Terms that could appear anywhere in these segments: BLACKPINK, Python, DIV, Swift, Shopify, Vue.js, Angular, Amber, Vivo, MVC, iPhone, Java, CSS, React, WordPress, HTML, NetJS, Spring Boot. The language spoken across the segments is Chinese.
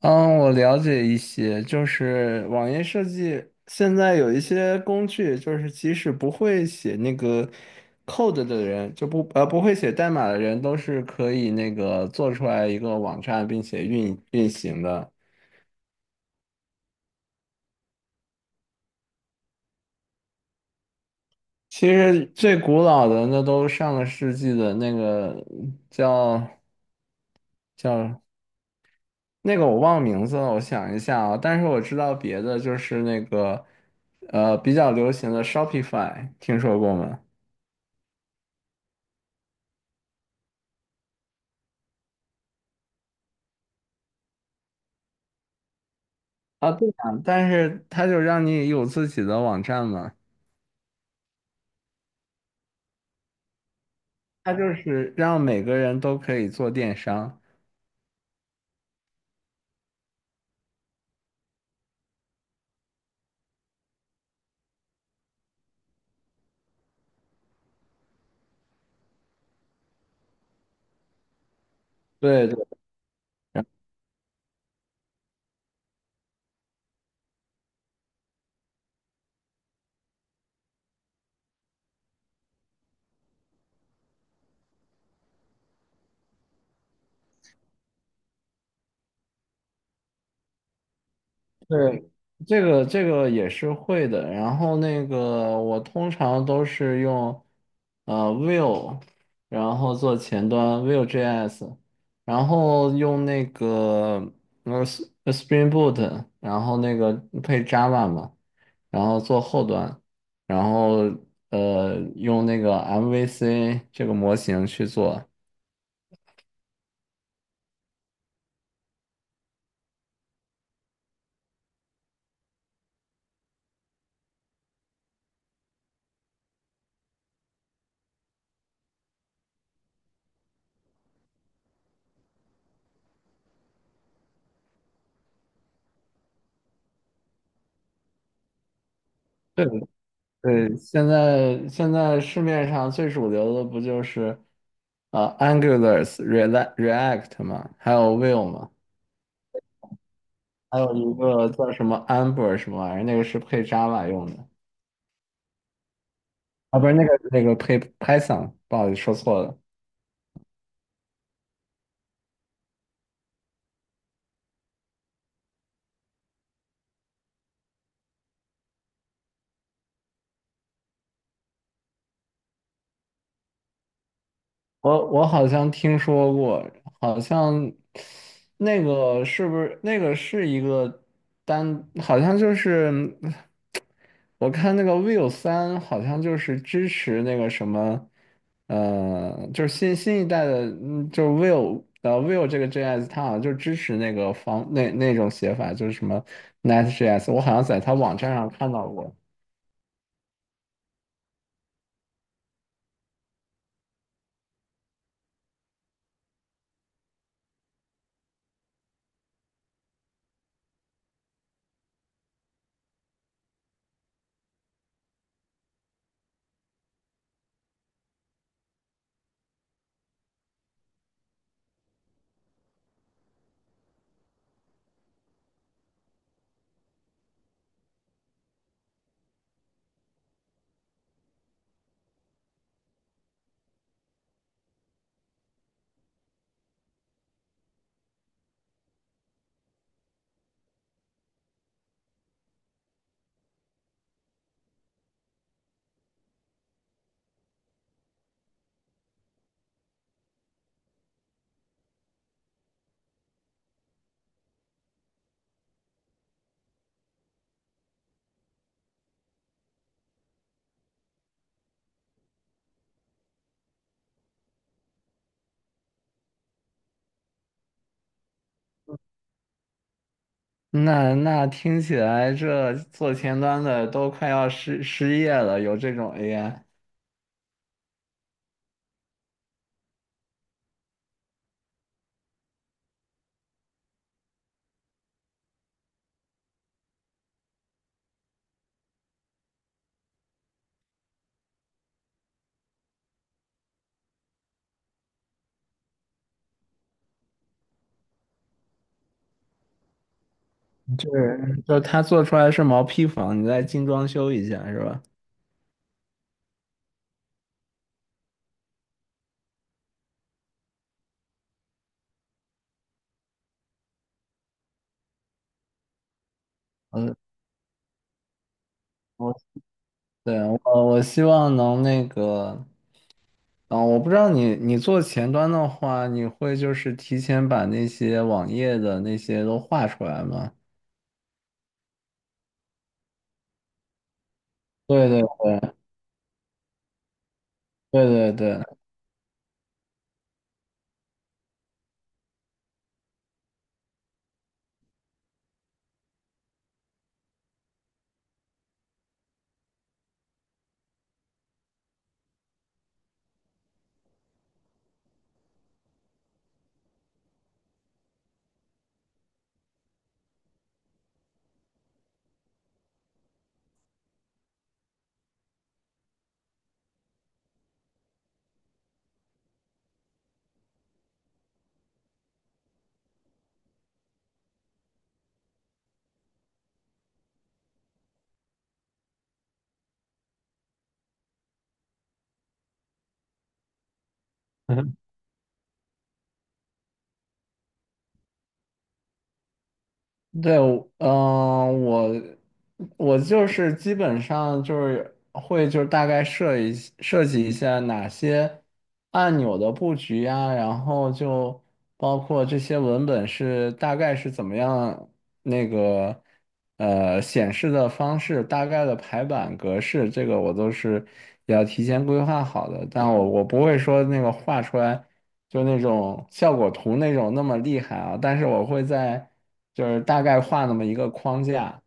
嗯，我了解一些，就是网页设计现在有一些工具，就是即使不会写那个 code 的人，就不呃不会写代码的人，都是可以那个做出来一个网站并且运行的。其实最古老的那都上个世纪的那个叫叫那个我忘名字了，我想一下啊，但是我知道别的就是那个比较流行的 Shopify，听说过吗？啊，对啊，但是它就让你有自己的网站嘛，它就是让每个人都可以做电商。对对，然对，这个也是会的。然后那个我通常都是用Vue，然后做前端 Vue.js，然后用那个Spring Boot，然后那个配 Java 嘛。然后做后端，然后用那个 MVC 这个模型去做。对对，现在市面上最主流的不就是Angular、React 嘛，还有 Vue 嘛，还有一个叫什么 Amber 什么玩意儿，那个是配 Java 用的，啊不是那个配 Python，不好意思说错了。我好像听说过，好像那个是不是那个是一个单，好像就是我看那个 Vivo 三好像就是支持那个什么，就是新一代的，就是 Vivo 这个 JS 它好像就支持那个那种写法，就是什么 NetJS，我好像在它网站上看到过。那听起来这做前端的都快要失业了，有这种 AI，就他做出来是毛坯房，你再精装修一下是吧？嗯，我对我我希望能那个，嗯，我不知道你做前端的话，你会就是提前把那些网页的那些都画出来吗？对对对对对对。对，我嗯、我我就是基本上就是会就是大概设计一下哪些按钮的布局呀，然后就包括这些文本是大概是怎么样那个显示的方式，大概的排版格式，这个我都是要提前规划好的，但我不会说那个画出来。就那种效果图那种那么厉害啊，但是我会在就是大概画那么一个框架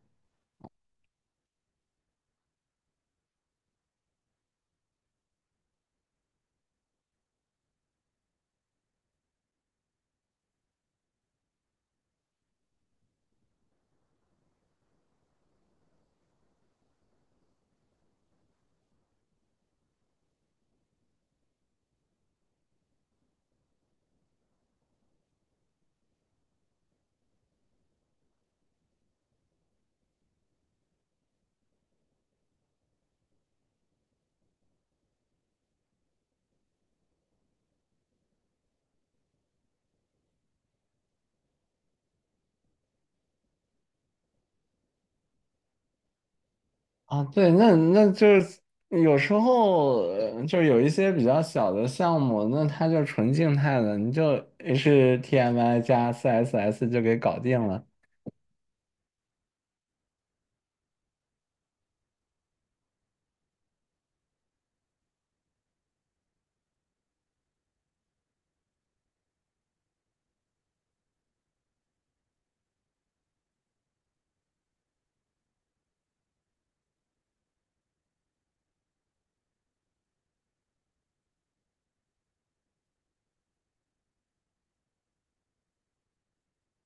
啊，对，那就是有时候就有一些比较小的项目，那它就纯静态的，你就 HTML 加 CSS 就给搞定了。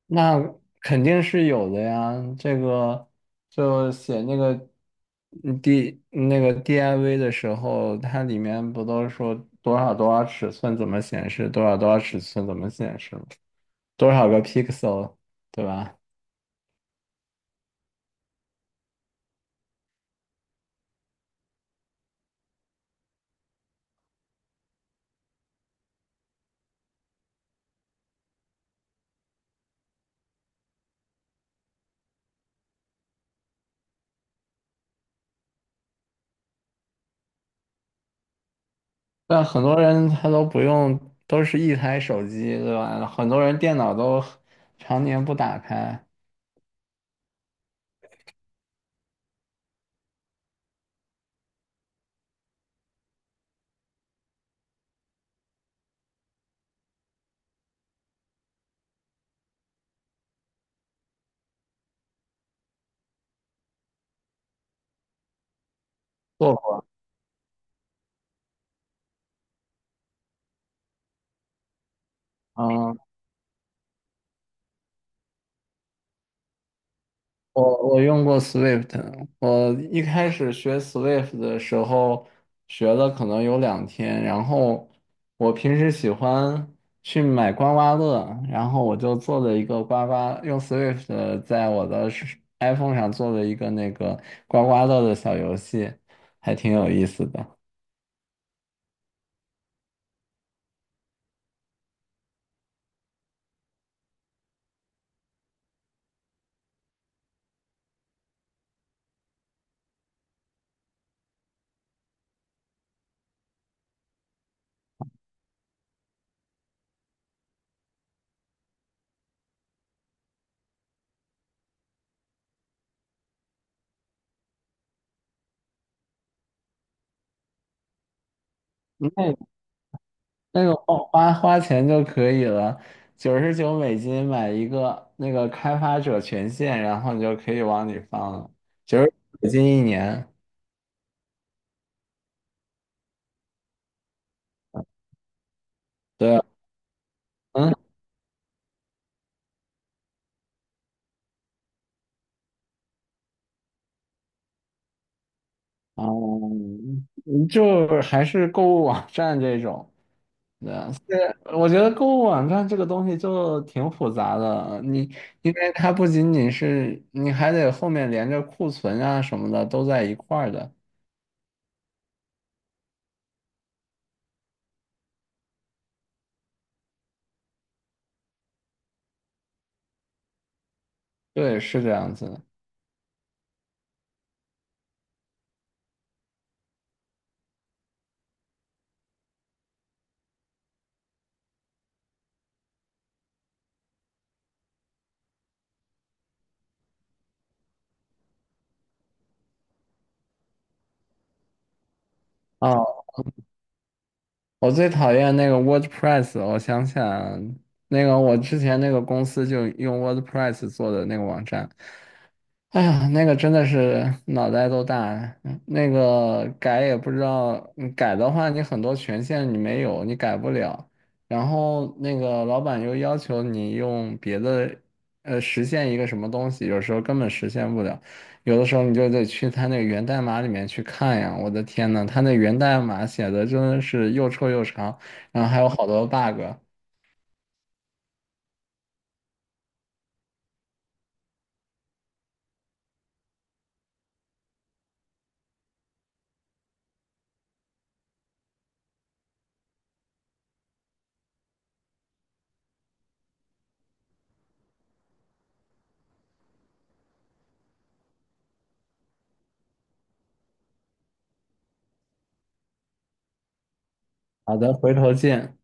那肯定是有的呀，这个就写那个DIV 的时候，它里面不都说多少多少尺寸怎么显示，多少多少尺寸怎么显示吗？多少个 pixel，对吧？但很多人他都不用，都是一台手机，对吧？很多人电脑都常年不打开，做过嗯。我用过 Swift，我一开始学 Swift 的时候学了可能有2天，然后我平时喜欢去买刮刮乐，然后我就做了一个刮刮，用 Swift 在我的iPhone 上做了一个那个刮刮乐的小游戏，还挺有意思的。那。那个花钱就可以了，$99买一个那个开发者权限，然后你就可以往里放了，$90一年。对，嗯，哦嗯，就还是购物网站这种。对，我觉得购物网站这个东西就挺复杂的，你因为它不仅仅是，你还得后面连着库存啊什么的都在一块儿的。对，是这样子的。啊，我最讨厌那个 WordPress，我想想，那个我之前那个公司就用 WordPress 做的那个网站，哎呀，那个真的是脑袋都大了，那个改也不知道，改的话你很多权限你没有，你改不了。然后那个老板又要求你用别的，实现一个什么东西，有时候根本实现不了，有的时候你就得去他那个源代码里面去看呀。我的天呐，他那源代码写的真的是又臭又长，然后还有好多 bug。好的，回头见。